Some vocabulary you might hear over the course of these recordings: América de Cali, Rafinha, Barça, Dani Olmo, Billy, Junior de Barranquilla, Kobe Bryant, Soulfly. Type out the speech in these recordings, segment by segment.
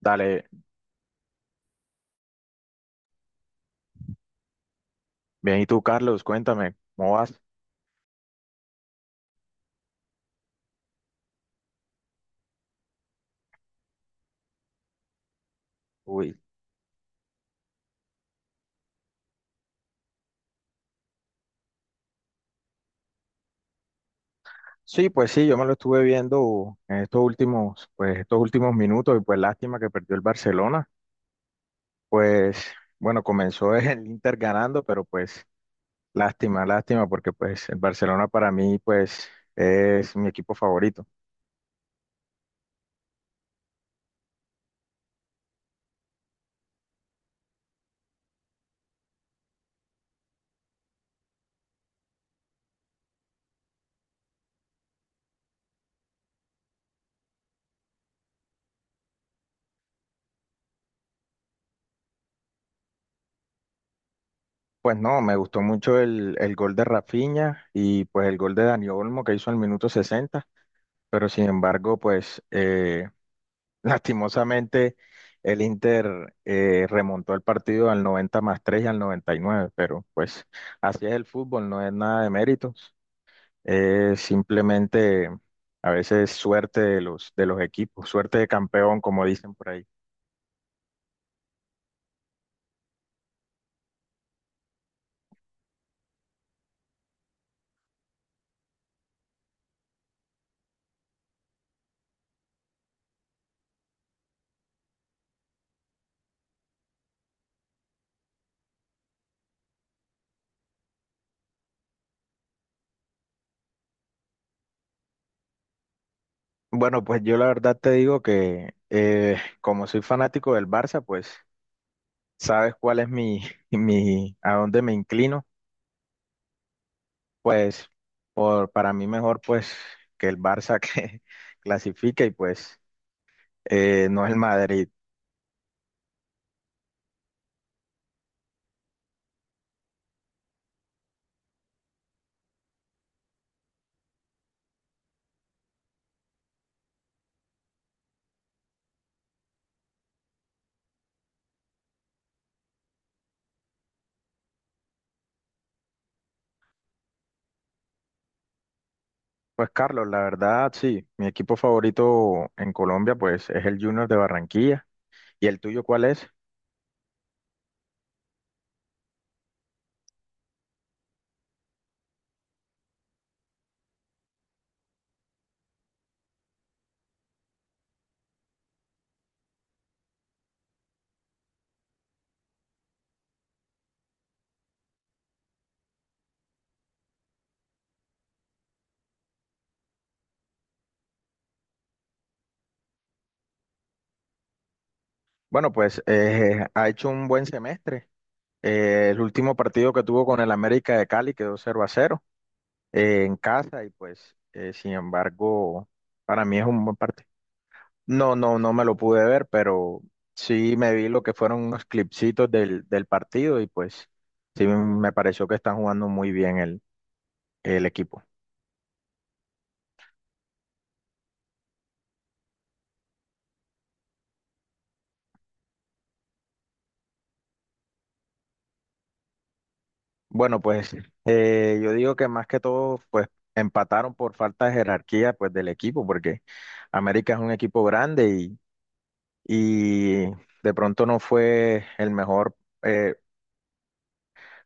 Dale, bien, ¿y tú, Carlos? Cuéntame, ¿cómo vas? Uy. Sí, pues sí, yo me lo estuve viendo en estos últimos, pues estos últimos minutos y pues lástima que perdió el Barcelona. Pues bueno, comenzó el Inter ganando, pero pues lástima, lástima, porque pues el Barcelona para mí pues es mi equipo favorito. Pues no, me gustó mucho el gol de Rafinha y pues el gol de Dani Olmo que hizo al minuto 60, pero sin embargo pues lastimosamente, el Inter remontó el partido al 90+3 y al 99, pero pues así es el fútbol, no es nada de méritos, es simplemente a veces suerte de los equipos, suerte de campeón, como dicen por ahí. Bueno, pues yo la verdad te digo que como soy fanático del Barça, pues sabes cuál es mi, mi, a dónde me inclino, pues para mí mejor pues que el Barça que clasifique y pues... No es el Madrid. Pues Carlos, la verdad, sí, mi equipo favorito en Colombia, pues es el Junior de Barranquilla. ¿Y el tuyo cuál es? Bueno, pues ha hecho un buen semestre. El último partido que tuvo con el América de Cali quedó 0-0 en casa y pues, sin embargo, para mí es un buen partido. No, no, no me lo pude ver, pero sí me vi lo que fueron unos clipsitos del partido y pues sí me pareció que están jugando muy bien el equipo. Bueno, pues yo digo que más que todo, pues empataron por falta de jerarquía pues del equipo, porque América es un equipo grande y de pronto no fue el mejor. eh,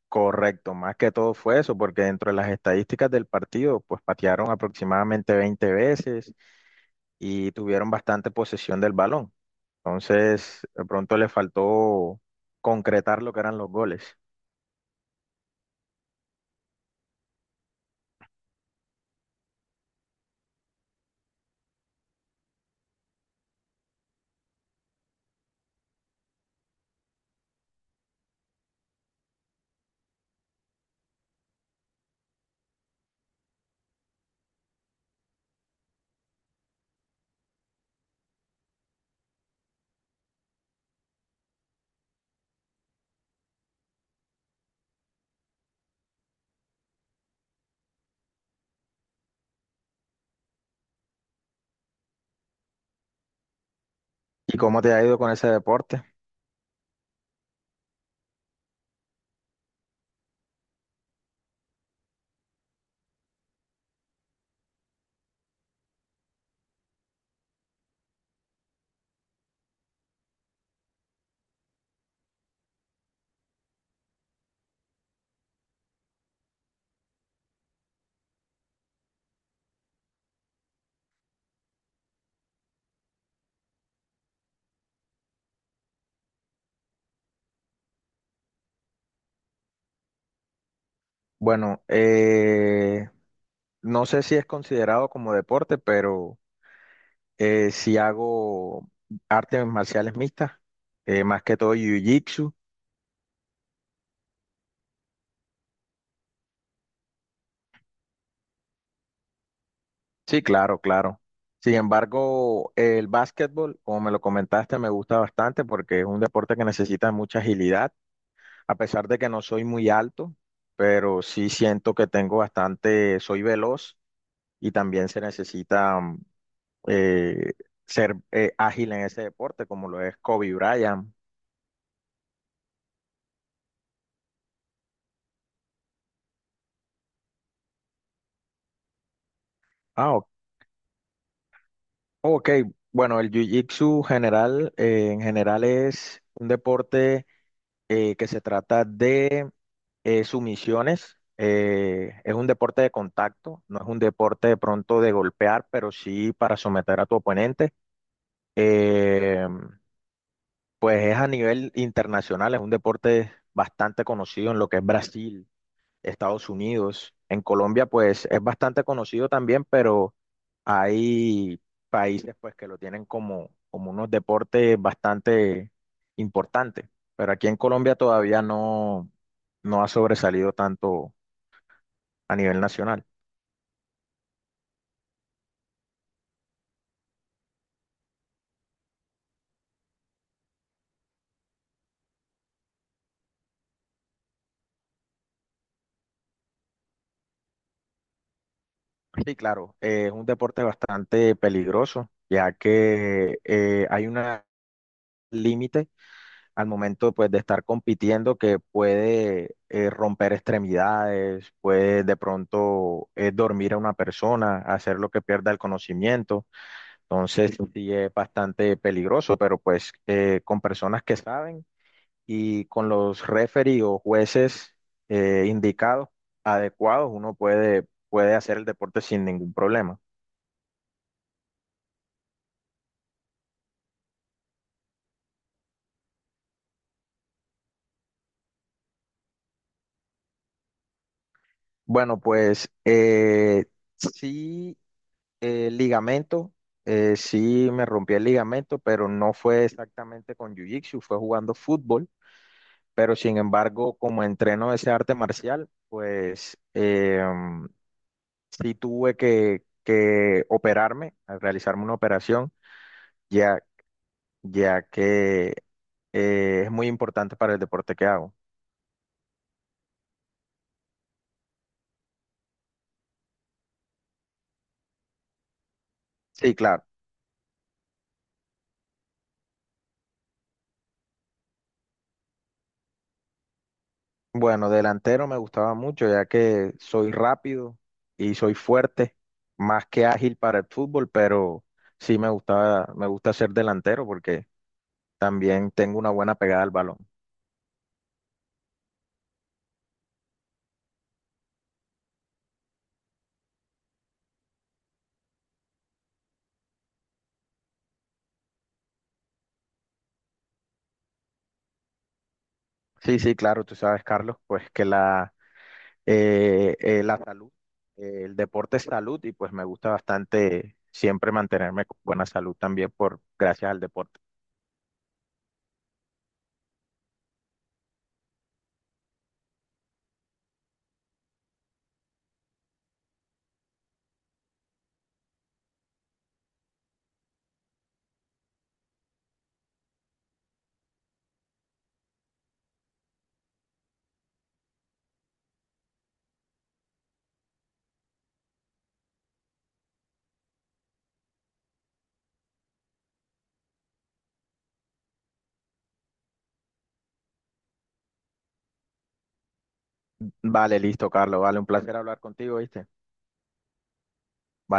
correcto. Más que todo fue eso, porque dentro de las estadísticas del partido, pues patearon aproximadamente 20 veces y tuvieron bastante posesión del balón. Entonces, de pronto le faltó concretar lo que eran los goles. ¿Y cómo te ha ido con ese deporte? Bueno, no sé si es considerado como deporte, pero sí hago artes marciales mixtas, más que todo jiu-jitsu. Sí, claro, claro. Sin embargo, el básquetbol, como me lo comentaste, me gusta bastante porque es un deporte que necesita mucha agilidad, a pesar de que no soy muy alto, pero sí siento que tengo bastante, soy veloz y también se necesita eh, ser ágil en ese deporte, como lo es Kobe Bryant. Ah, ok, bueno, el jiu-jitsu general, en general es un deporte que se trata de sumisiones. Es un deporte de contacto, no es un deporte de pronto de golpear, pero sí para someter a tu oponente. Eh, pues es a nivel internacional, es un deporte bastante conocido en lo que es Brasil, Estados Unidos. En Colombia, pues es bastante conocido también, pero hay países pues que lo tienen como, como unos deportes bastante importantes. Pero aquí en Colombia todavía no, no ha sobresalido tanto a nivel nacional. Sí, claro, es un deporte bastante peligroso, ya que hay un límite al momento pues de estar compitiendo que puede romper extremidades, puede de pronto dormir a una persona, hacer lo que pierda el conocimiento. Entonces sí es bastante peligroso, pero pues con personas que saben y con los referees o jueces indicados, adecuados, uno puede hacer el deporte sin ningún problema. Bueno, pues sí. El ligamento, sí me rompí el ligamento, pero no fue exactamente con Jiu-Jitsu, fue jugando fútbol, pero sin embargo, como entreno ese arte marcial, pues sí tuve que operarme, a realizarme una operación, ya, ya que es muy importante para el deporte que hago. Sí, claro. Bueno, delantero me gustaba mucho, ya que soy rápido y soy fuerte, más que ágil para el fútbol, pero sí me gustaba, me gusta ser delantero porque también tengo una buena pegada al balón. Sí, sí, claro, tú sabes, Carlos, pues que la salud, el deporte es salud y pues me gusta bastante siempre mantenerme con buena salud también por gracias al deporte. Vale, listo, Carlos, vale, un placer hablar contigo, ¿viste? Vale.